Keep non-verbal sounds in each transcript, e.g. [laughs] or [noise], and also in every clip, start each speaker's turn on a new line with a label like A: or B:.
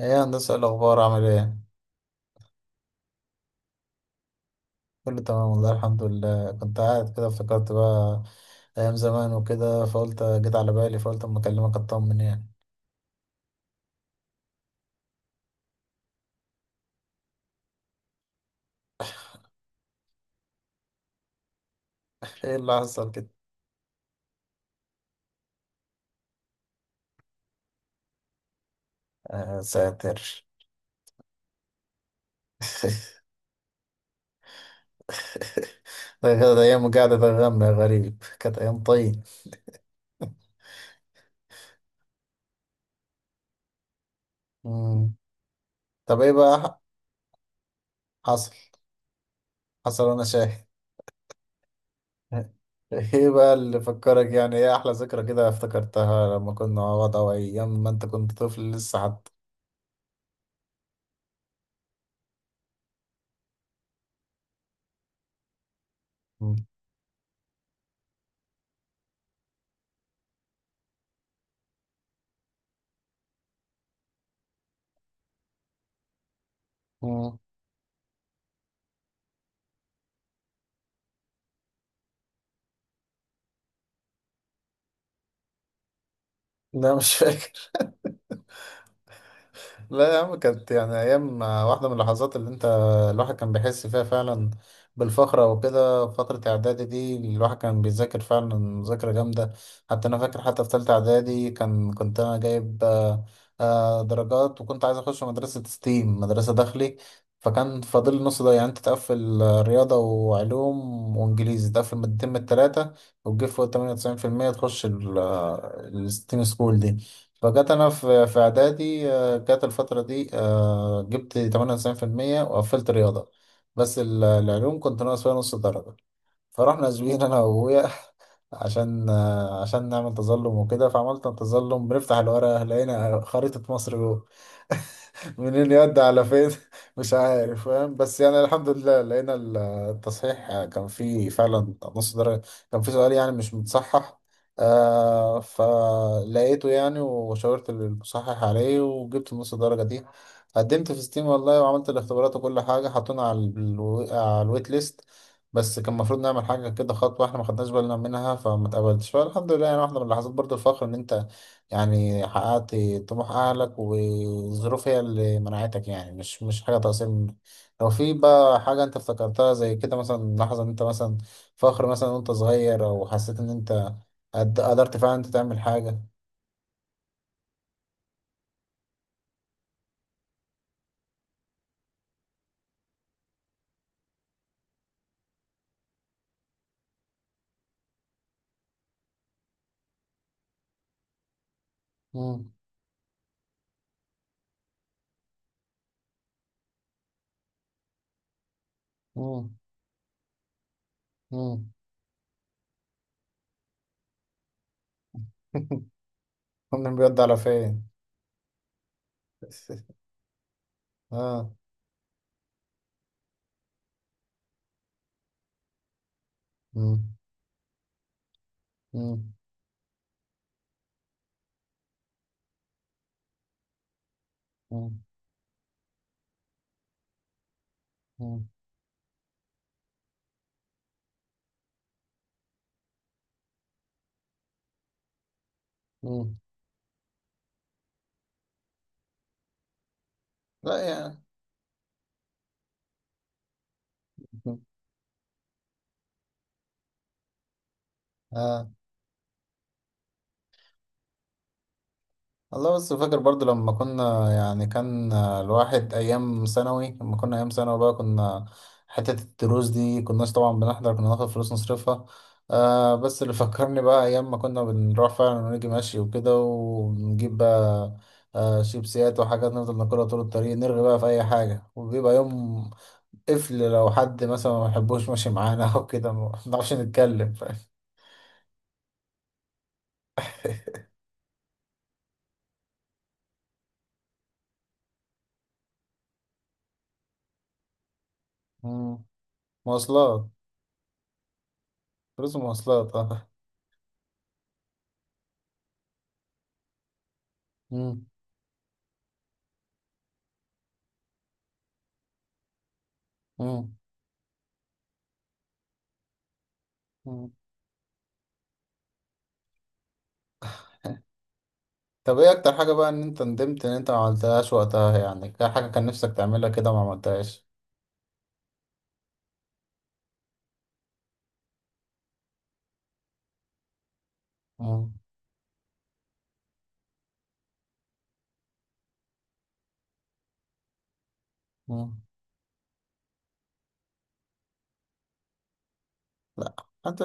A: ايه يا هندسة، إيه الأخبار؟ عامل ايه؟ كله تمام والله الحمد لله. كنت قاعد كده افتكرت بقى أيام زمان وكده، فقلت جيت على بالي فقلت أما أكلمك أطمن يعني. [laughs] ايه اللي حصل كده؟ آه ساتر. [laughs] ده كانت أيام، قاعدة ده غم يا غريب، كانت أيام طيب. مم. طب ايه بقى حصل؟ حصل وأنا شاهد. [laughs] ايه بقى اللي فكرك يعني؟ ايه أحلى ذكرى كده افتكرتها لما كنا مع بعض، أو أيام ما أنت كنت طفل لسه حتى؟ مم. مم. لا مش فاكر. لا يا عم، كانت يعني أيام، واحدة من اللحظات اللي أنت الواحد كان بيحس فيها فعلا بالفخر أو كده. فترة إعدادي دي الواحد كان بيذاكر فعلا مذاكرة جامدة، حتى أنا فاكر حتى في تالتة إعدادي كان كنت أنا جايب درجات، وكنت عايز أخش مدرسة ستيم، مدرسة داخلي. فكان فاضل لي النص ده، يعني أنت تقفل رياضة وعلوم وإنجليزي، تقفل مادتين من التلاتة وتجيب فوق تمانية وتسعين في المية تخش الستيم سكول دي. فجت انا في اعدادي، جات الفترة دي، جبت 98% وقفلت رياضة، بس العلوم كنت ناقص فيها نص درجة. فرحنا زوين أنا وأبويا [laughs] عشان، عشان نعمل تظلم وكده. فعملت تظلم، بنفتح الورقة لقينا خريطة مصر جوه، منين يد على فين [laughs] مش عارف فاهم، بس يعني الحمد لله لقينا التصحيح كان فيه فعلا نص درجة، كان فيه سؤال يعني مش متصحح، آه فلقيته يعني، وشاورت المصحح عليه وجبت نص درجة دي. قدمت في ستيم والله، وعملت الاختبارات وكل حاجة، حطونا على الويت ليست. بس كان المفروض نعمل حاجة كده، خطوة احنا ما خدناش بالنا منها، فما اتقبلتش. فالحمد لله يعني، واحدة من لحظات برضو الفخر، ان انت يعني حققت طموح أهلك، والظروف هي اللي منعتك، يعني مش مش حاجة تقصير منك. لو في بقى حاجة أنت افتكرتها زي كده، مثلا لحظة أنت مثلا فخر مثلا وأنت صغير، أو حسيت إن أنت قدرت فعلا أنت تعمل حاجة؟ مم. مم. مم. [laughs] كنا بيود على فين؟ [laughs] آه. مم. مم. مم. مم. مم. لا يعني. آه والله. بس فاكر برضو لما كنا يعني، كان الواحد أيام ثانوي، لما كنا أيام ثانوي بقى كنا حتة الدروس دي كناش طبعا بنحضر، كنا ناخد فلوس نصرفها. آه، بس اللي فكرني بقى، أيام ما كنا بنروح فعلا ونيجي ماشي وكده، ونجيب بقى آه شيبسيات وحاجات نفضل ناكلها طول الطريق، نرغي بقى في أي حاجة. وبيبقى يوم قفل لو حد مثلا ما بيحبوش ماشي معانا [laughs] أو كده ما بنعرفش نتكلم، فاهم؟ [laughs] مم. مواصلات، فلوس المواصلات اه. مم. مم. مم. طب ايه اكتر حاجة بقى ان انت ندمت ان انت ما عملتهاش وقتها؟ يعني كان حاجة كان نفسك تعملها كده ما عملتهاش. مم. مم. لا انت.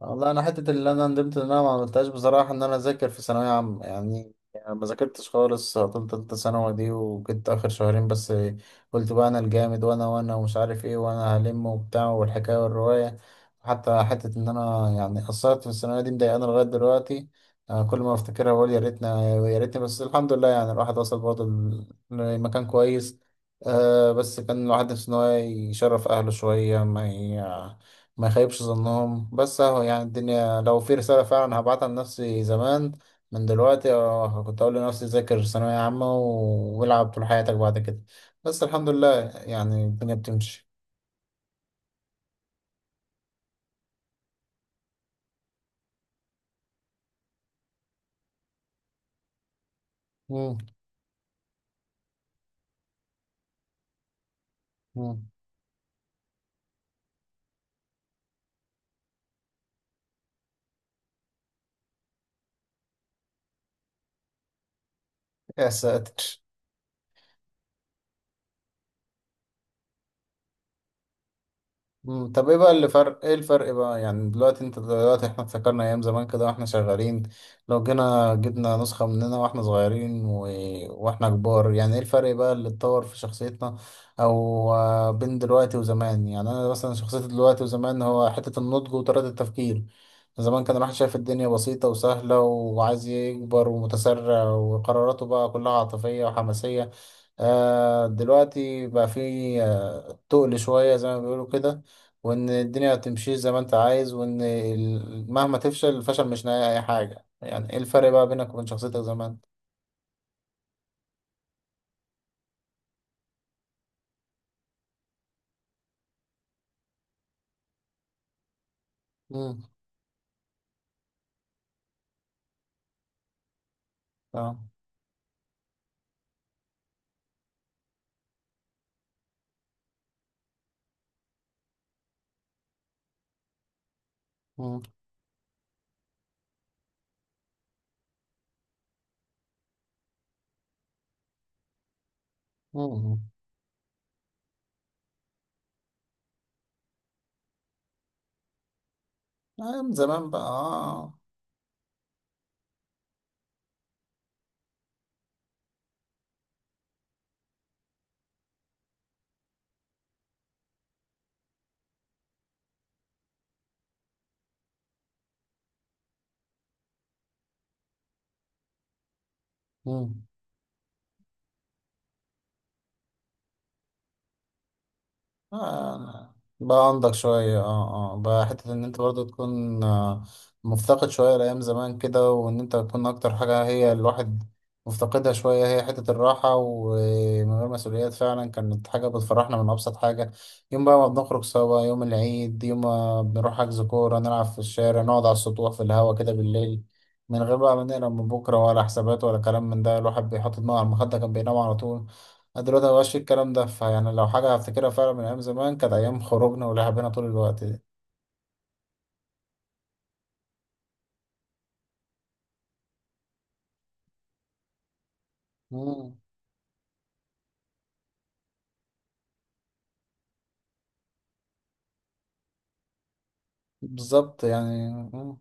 A: والله انا حته اللي انا ندمت ان انا ما عملتهاش بصراحه، ان انا اذاكر في ثانويه عامه، يعني يعني ما ذاكرتش خالص طول تالتة ثانوي دي، وكنت اخر شهرين بس قلت بقى انا الجامد، وانا وانا ومش عارف ايه، وانا هلم وبتاع، والحكايه والروايه. حتى حته ان انا يعني قصرت في الثانويه دي مضايقاني لغايه دلوقتي. أنا كل ما افتكرها بقول يا ريتنا، يا ريتني. بس الحمد لله يعني الواحد وصل برضه لمكان كويس. أه، بس كان الواحد نفسه ان هو يشرف اهله شويه، ما يخيبش ظنهم. بس اهو يعني، الدنيا لو في رسالة فعلا هبعتها لنفسي زمان من دلوقتي، اه كنت أقول لنفسي ذاكر ثانوية عامة، والعب طول حياتك بعد كده. بس الحمد لله يعني الدنيا بتمشي. مم. مم. يا ساتر. مم، طب ايه بقى اللي فرق؟ ايه الفرق بقى، يعني دلوقتي انت، دلوقتي احنا افتكرنا ايام زمان كده واحنا شغالين. لو جينا جبنا نسخة مننا واحنا صغيرين واحنا كبار، يعني ايه الفرق بقى اللي اتطور في شخصيتنا؟ او بين دلوقتي وزمان، يعني انا مثلا شخصيتي دلوقتي وزمان، هو حتة النضج وطريقة التفكير. زمان كان الواحد شايف الدنيا بسيطة وسهلة، وعايز يكبر ومتسرع وقراراته بقى كلها عاطفية وحماسية. دلوقتي بقى في تقل شوية زي ما بيقولوا كده، وإن الدنيا هتمشي زي ما أنت عايز، وإن مهما تفشل، الفشل مش نهاية أي حاجة. يعني إيه الفرق بقى بينك وبين شخصيتك زمان؟ مم. آه. مم. مم. أيام زمان بقى. آه. آه بقى عندك شوية بقى حتة ان انت برضو تكون، مفتقد شوية لأيام زمان كده. وان انت تكون، اكتر حاجة هي الواحد مفتقدها شوية، هي حتة الراحة ومن غير مسؤوليات. فعلا كانت حاجة بتفرحنا من أبسط حاجة، يوم بقى ما بنخرج سوا، يوم العيد، يوم ما بنروح حجز كورة نلعب في الشارع، نقعد على السطوح في الهوا كده بالليل، من غير بقى ما نقلق من بكرة، ولا حسابات ولا كلام من ده. الواحد بيحط دماغه على المخدة كان بينام على طول. أنا دلوقتي مبقاش في الكلام ده. فيعني لو حاجة هفتكرها فعلا من أيام زمان، كانت أيام خروجنا ولعبنا طول الوقت دي. مم. بالظبط يعني. مم.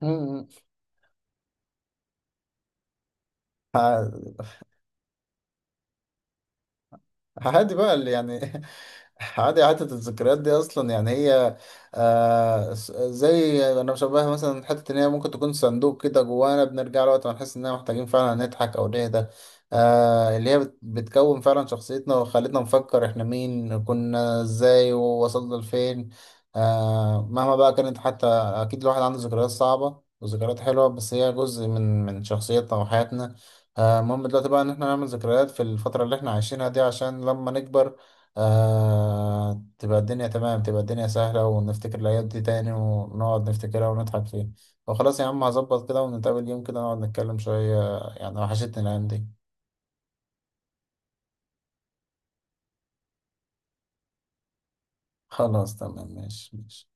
A: مم. مم. عادي بقى اللي يعني [laughs] عادي، عادة الذكريات دي أصلا يعني هي، آه زي أنا بشبهها مثلا، حتة إن هي ممكن تكون صندوق كده جوانا، بنرجع له وقت ما نحس إننا محتاجين فعلا نضحك أو نهدى. آه اللي هي بتكون فعلا شخصيتنا، وخلتنا نفكر إحنا مين كنا إزاي ووصلنا لفين. آه، مهما بقى كانت، حتى أكيد الواحد عنده ذكريات صعبة وذكريات حلوة، بس هي جزء من شخصيتنا وحياتنا. المهم دلوقتي بقى ان احنا نعمل ذكريات في الفترة اللي احنا عايشينها دي، عشان لما نكبر آه تبقى الدنيا تمام، تبقى الدنيا سهلة، ونفتكر الأيام دي تاني، ونقعد نفتكرها ونضحك فيها. وخلاص يا عم هظبط كده، ونتقابل يوم كده نقعد نتكلم شوية، يعني وحشتني الأيام دي. خلاص تمام، ماشي ماشي.